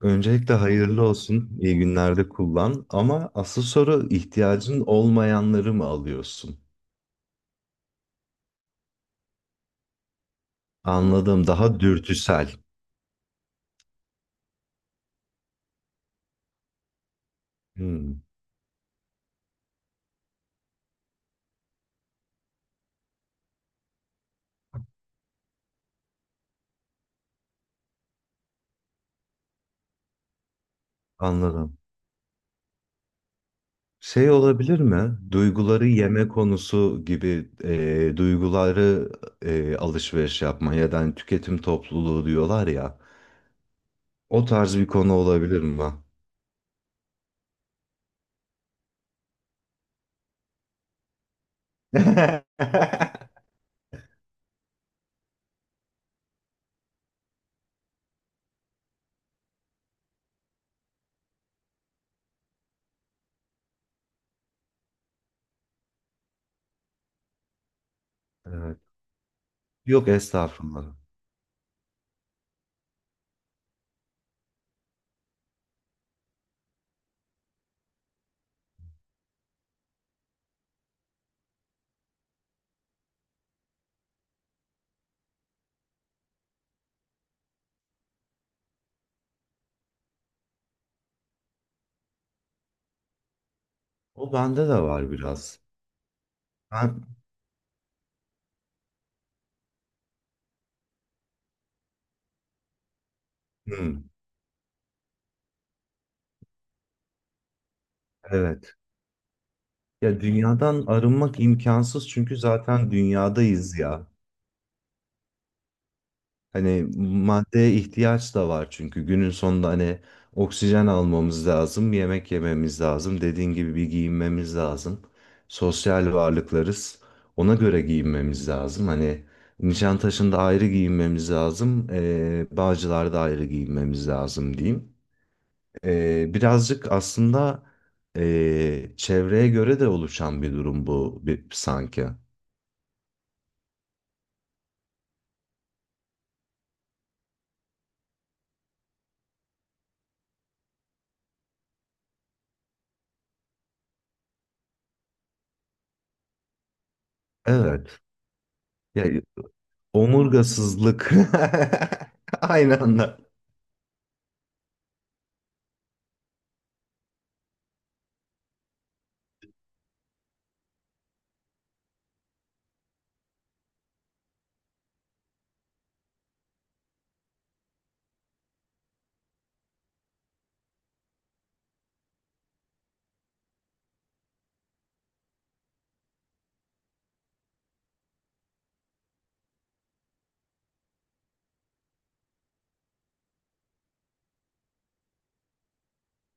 Öncelikle hayırlı olsun, iyi günlerde kullan. Ama asıl soru ihtiyacın olmayanları mı alıyorsun? Anladım, daha dürtüsel. Hmm, anladım. Şey olabilir mi? Duyguları yeme konusu gibi duyguları alışveriş yapma ya da hani tüketim topluluğu diyorlar ya. O tarz bir konu olabilir mi? Evet. Yok estağfurullah. O bende de var biraz. Ben, Hmm, evet. Ya dünyadan arınmak imkansız çünkü zaten dünyadayız ya. Hani maddeye ihtiyaç da var çünkü günün sonunda hani oksijen almamız lazım, yemek yememiz lazım, dediğin gibi bir giyinmemiz lazım. Sosyal varlıklarız. Ona göre giyinmemiz lazım. Hani Nişantaşı'nda ayrı giyinmemiz lazım, Bağcılar'da ayrı giyinmemiz lazım diyeyim. Birazcık aslında çevreye göre de oluşan bir durum bu bir, sanki. Evet. Ya, omurgasızlık. Aynı anda.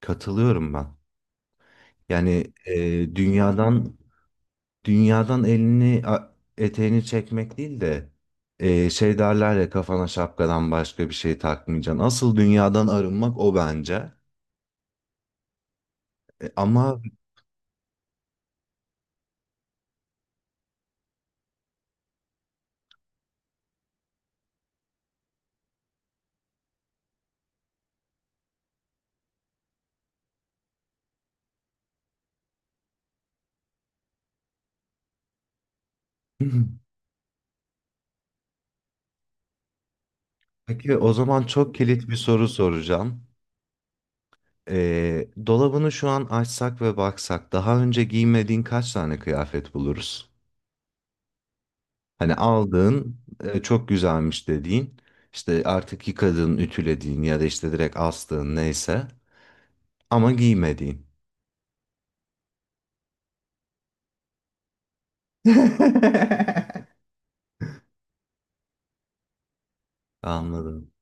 Katılıyorum ben. Yani e, dünyadan dünyadan elini eteğini çekmek değil de şey derler ya kafana şapkadan başka bir şey takmayacaksın. Asıl dünyadan arınmak o bence. E, ama peki o zaman çok kilit bir soru soracağım. E, dolabını şu an açsak ve baksak daha önce giymediğin kaç tane kıyafet buluruz? Hani aldığın çok güzelmiş dediğin işte artık yıkadığın, ütülediğin ya da işte direkt astığın neyse ama giymediğin. Anladım.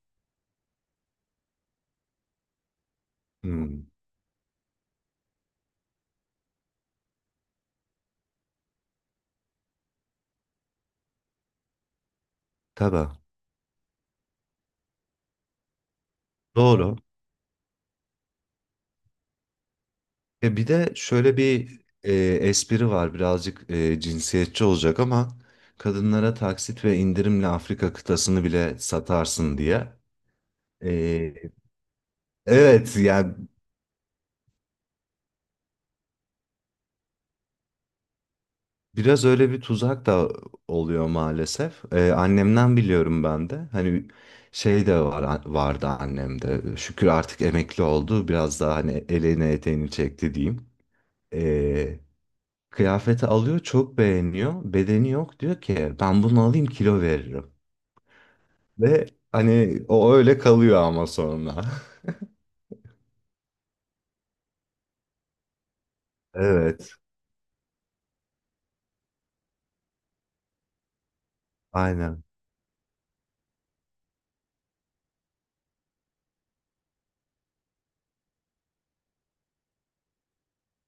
Hmm. Tabii. Doğru. E bir de şöyle bir espri var birazcık cinsiyetçi olacak ama kadınlara taksit ve indirimle Afrika kıtasını bile satarsın diye. E, evet yani biraz öyle bir tuzak da oluyor maalesef. Annemden biliyorum ben de. Hani şey de var, vardı annemde. Şükür artık emekli oldu. Biraz daha hani elini eteğini çekti diyeyim. Ee, Kıyafeti alıyor, çok beğeniyor. Bedeni yok diyor ki ben bunu alayım kilo veririm. Ve hani o öyle kalıyor ama sonra. Evet, aynen.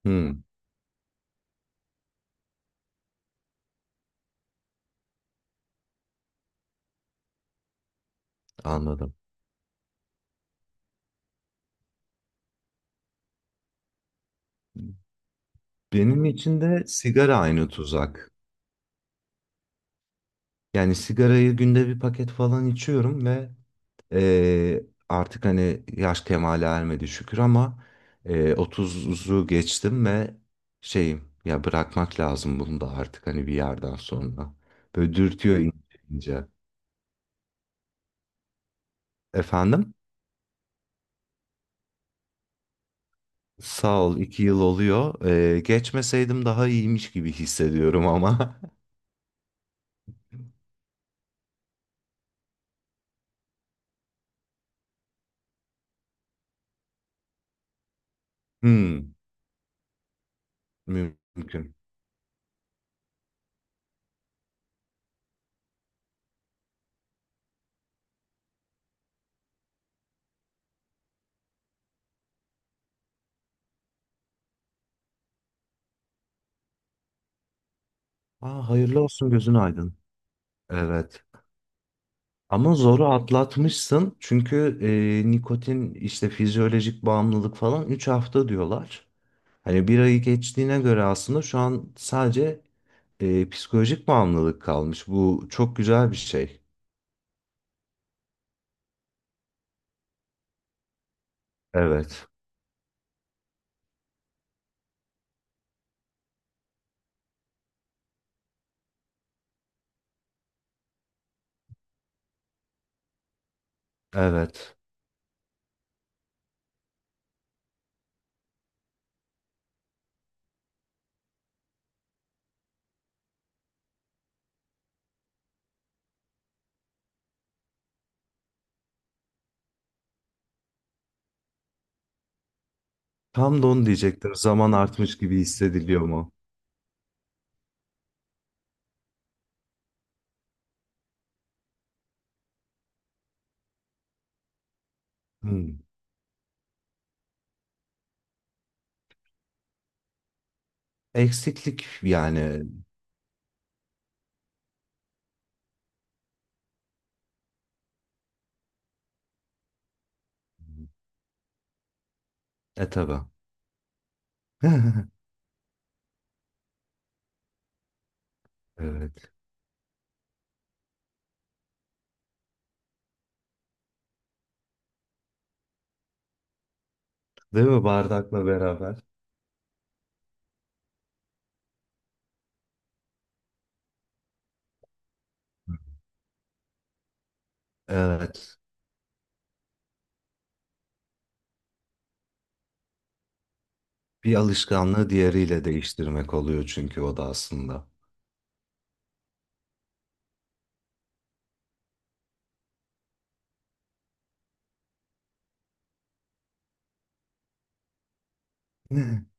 Hmm, anladım. Benim için de sigara aynı tuzak. Yani sigarayı günde bir paket falan içiyorum ve artık hani yaş kemale ermedi şükür ama 30'u geçtim ve şeyim ya bırakmak lazım bunu da artık hani bir yerden sonra. Böyle dürtüyor ince ince. Efendim? Sağ ol iki yıl oluyor. Geçmeseydim daha iyiymiş gibi hissediyorum ama. Hmm, mümkün. Aa, hayırlı olsun gözün aydın. Evet. Ama zoru atlatmışsın çünkü nikotin işte fizyolojik bağımlılık falan 3 hafta diyorlar. Hani bir ayı geçtiğine göre aslında şu an sadece psikolojik bağımlılık kalmış. Bu çok güzel bir şey. Evet, evet. Tam da onu diyecektim. Zaman artmış gibi hissediliyor mu? Hmm. Eksiklik yani. E tabii. Evet. Değil mi bardakla beraber? Evet. Bir alışkanlığı diğeriyle değiştirmek oluyor çünkü o da aslında.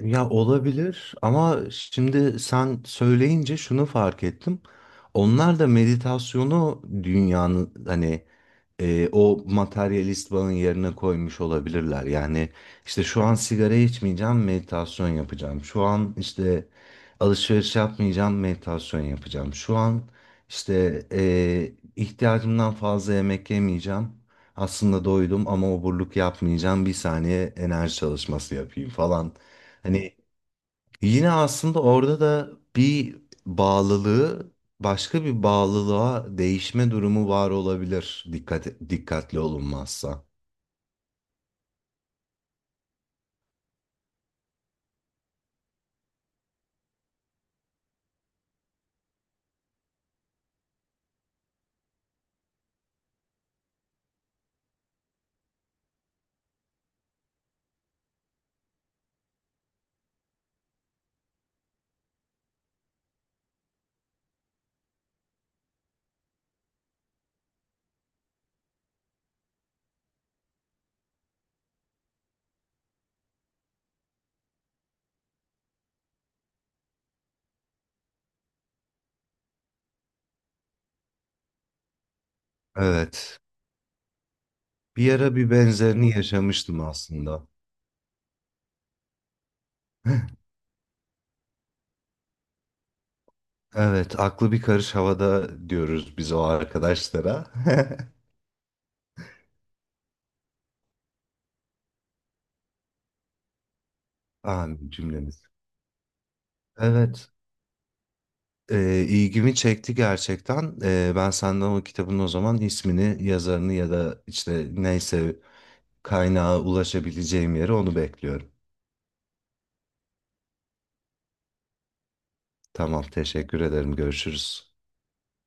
Ya olabilir ama şimdi sen söyleyince şunu fark ettim. Onlar da meditasyonu dünyanın hani o materyalist bağın yerine koymuş olabilirler. Yani işte şu an sigara içmeyeceğim, meditasyon yapacağım. Şu an işte alışveriş yapmayacağım, meditasyon yapacağım. Şu an işte ihtiyacımdan fazla yemek yemeyeceğim. Aslında doydum ama oburluk yapmayacağım. Bir saniye enerji çalışması yapayım falan. Hani yine aslında orada da bir bağlılığı başka bir bağlılığa değişme durumu var olabilir dikkatli olunmazsa. Evet. Bir ara bir benzerini yaşamıştım aslında. Evet, aklı bir karış havada diyoruz biz o arkadaşlara. Amin cümlemiz. Evet, ilgimi çekti gerçekten. E, ben senden o kitabın o zaman ismini, yazarını ya da işte neyse kaynağa ulaşabileceğim yeri onu bekliyorum. Tamam, teşekkür ederim. Görüşürüz.